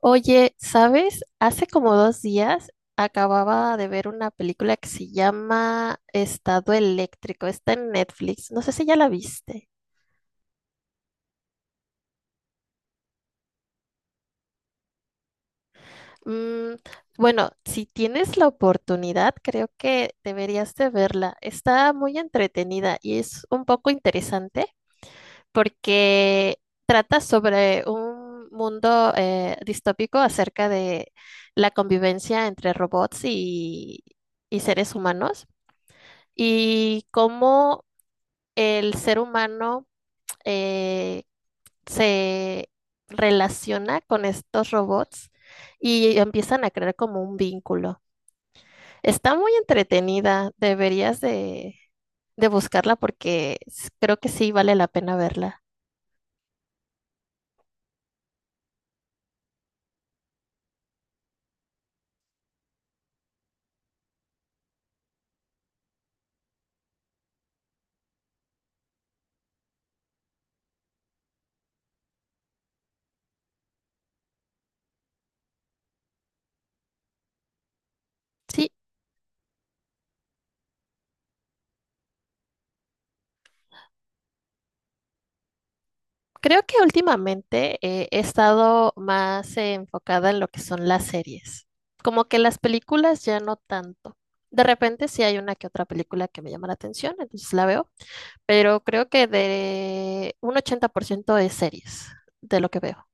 Oye, ¿sabes? Hace como dos días acababa de ver una película que se llama Estado Eléctrico. Está en Netflix. No sé si ya la viste. Mm, bueno, si tienes la oportunidad, creo que deberías de verla. Está muy entretenida y es un poco interesante porque trata sobre un mundo distópico acerca de la convivencia entre robots y seres humanos. Y cómo el ser humano eh, se relaciona con estos robots y empiezan a crear como un vínculo. Está muy entretenida, de buscarla porque creo que sí vale la pena verla. Sí, creo que últimamente he estado más enfocada en lo que son las series, como que las películas ya no tanto. De repente sí hay una que otra película que me llama la atención, entonces la veo, pero creo que de un 80% de series, de lo que veo.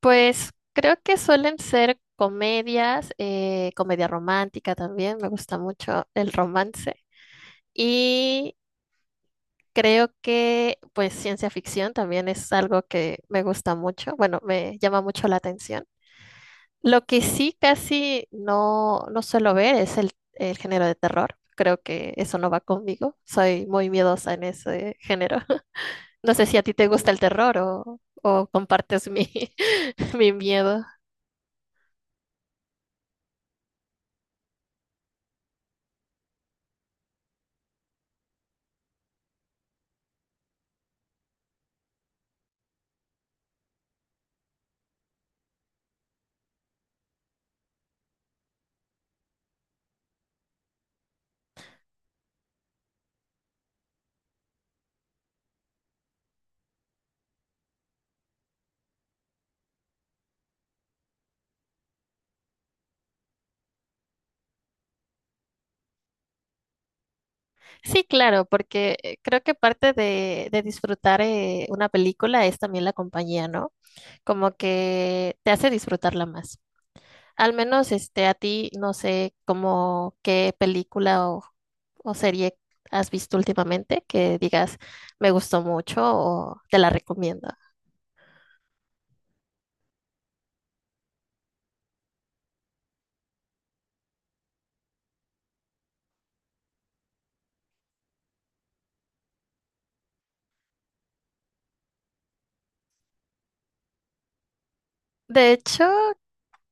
Pues creo que suelen ser comedias, comedia romántica también, me gusta mucho el romance. Y creo que pues ciencia ficción también es algo que me gusta mucho, bueno, me llama mucho la atención. Lo que sí casi no, no suelo ver es el género de terror. Creo que eso no va conmigo. Soy muy miedosa en ese género. No sé si a ti te gusta el terror o compartes mi, mi miedo. Sí, claro, porque creo que parte de disfrutar una película es también la compañía, ¿no? Como que te hace disfrutarla más. Al menos este, a ti, no sé como qué película o serie has visto últimamente que digas me gustó mucho o te la recomiendo. De hecho,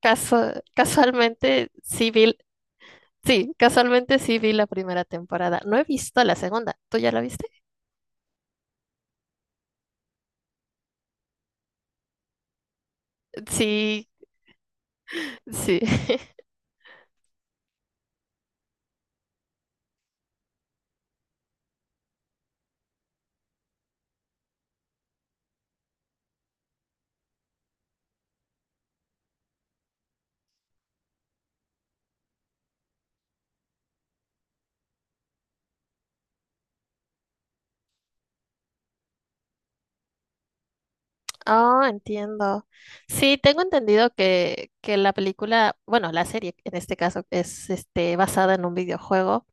casualmente sí vi, sí, casualmente sí vi la primera temporada. No he visto la segunda. ¿Tú ya la viste? Sí, sí. Oh, entiendo. Sí, tengo entendido que la película, bueno, la serie en este caso es este, basada en un videojuego.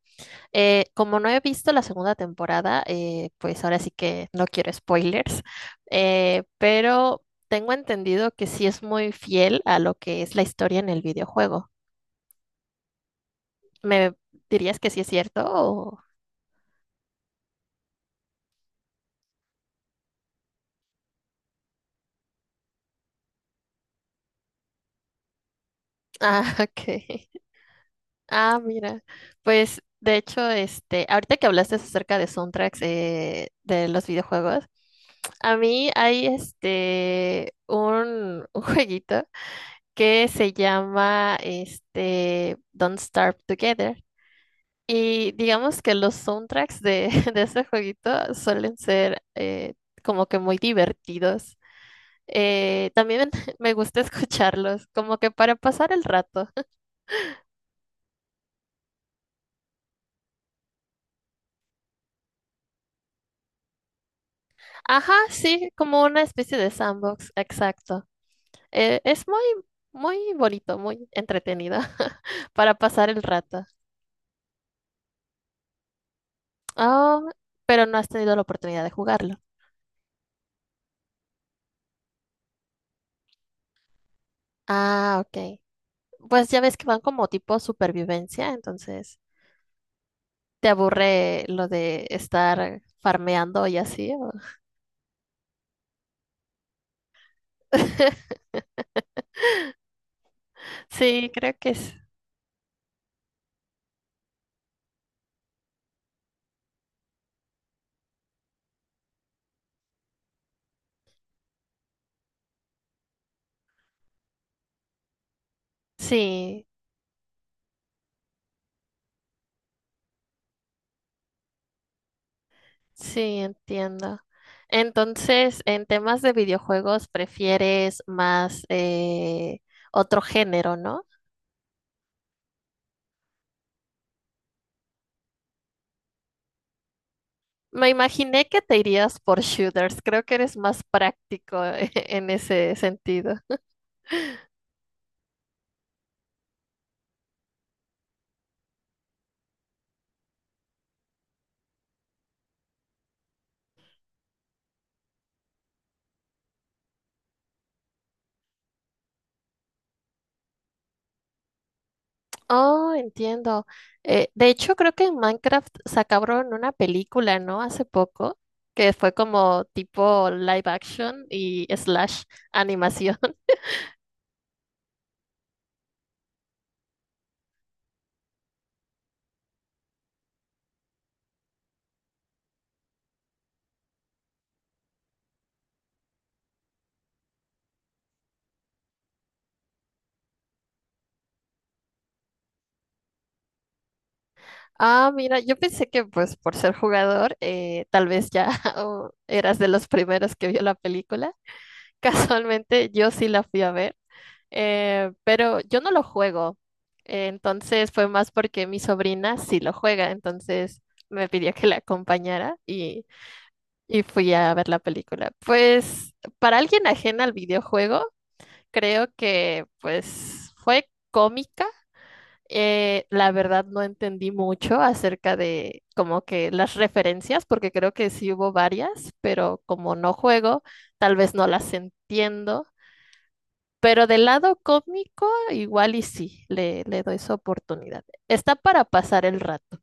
Como no he visto la segunda temporada, pues ahora sí que no quiero spoilers, pero tengo entendido que sí es muy fiel a lo que es la historia en el videojuego. ¿Me dirías que sí es cierto? O- Ah, ok. Ah, mira. Pues de hecho, este, ahorita que hablaste acerca de soundtracks de los videojuegos, a mí hay este un, un jueguito que se llama este Don't Starve Together. Y digamos que los soundtracks de, de ese jueguito suelen ser como que muy divertidos. También me gusta escucharlos, como que para pasar el rato. Ajá, sí, como una especie de sandbox, exacto. Es muy, muy bonito, muy entretenido para pasar el rato. Oh, pero no has tenido la oportunidad de jugarlo. Ah, ok. Pues ya ves que van como tipo supervivencia, entonces te aburre lo de estar farmeando y así. O- Sí, creo que es. Sí, sí, entiendo. Entonces, en temas de videojuegos, prefieres más otro género, ¿no? Me imaginé que te irías por shooters. Creo que eres más práctico en ese sentido. Oh, entiendo. De hecho, creo que en Minecraft sacaron una película, ¿no? Hace poco, que fue como tipo live action y slash animación. Ah, mira, yo pensé que pues por ser jugador, tal vez ya o eras de los primeros que vio la película. Casualmente, yo sí la fui a ver, pero yo no lo juego. Entonces fue más porque mi sobrina sí lo juega, entonces me pidió que la acompañara y... Y fui a ver la película. Pues para alguien ajena al videojuego, creo que pues fue cómica. La verdad no entendí mucho acerca de como que las referencias, porque creo que sí hubo varias, pero como no juego, tal vez no las entiendo. Pero del lado cómico, igual y sí, le doy su oportunidad. Está para pasar el rato.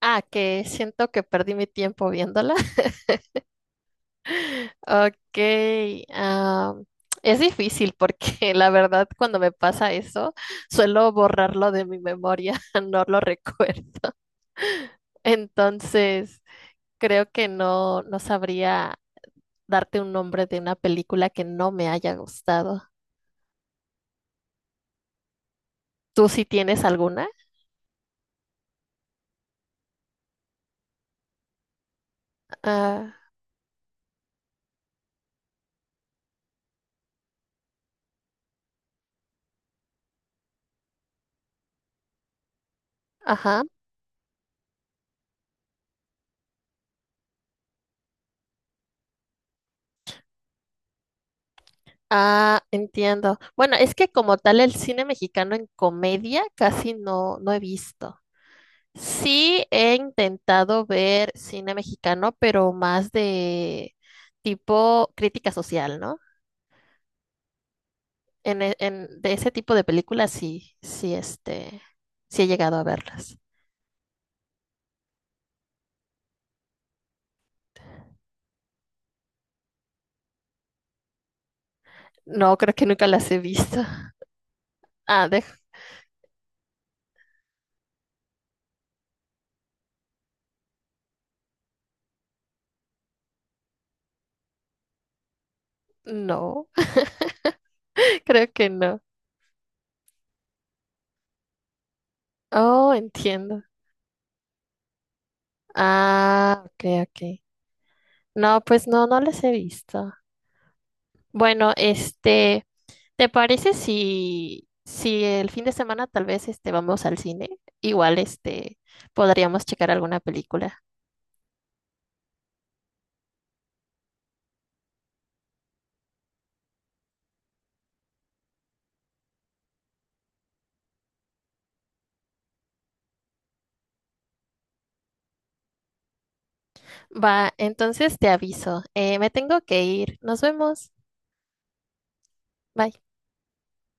Ah, que siento que perdí mi tiempo viéndola. Ok, ah, es difícil porque la verdad cuando me pasa eso suelo borrarlo de mi memoria, no lo recuerdo. Entonces, creo que no, no sabría darte un nombre de una película que no me haya gustado. ¿Tú sí tienes alguna? Ah, ajá. Ah, entiendo. Bueno, es que como tal el cine mexicano en comedia casi no, no he visto. Sí, he intentado ver cine mexicano, pero más de tipo crítica social, ¿no? En, de ese tipo de películas sí, sí, este, sí he llegado a verlas. No, creo que nunca las he visto. Ah, de, no, creo que no. Oh, entiendo. Ah, ok, ok. No, pues no, no las he visto. Bueno, este. ¿Te parece si, si el fin de semana tal vez este, vamos al cine? Igual este, podríamos checar alguna película. Va, entonces te aviso. Me tengo que ir. Nos vemos. Bye.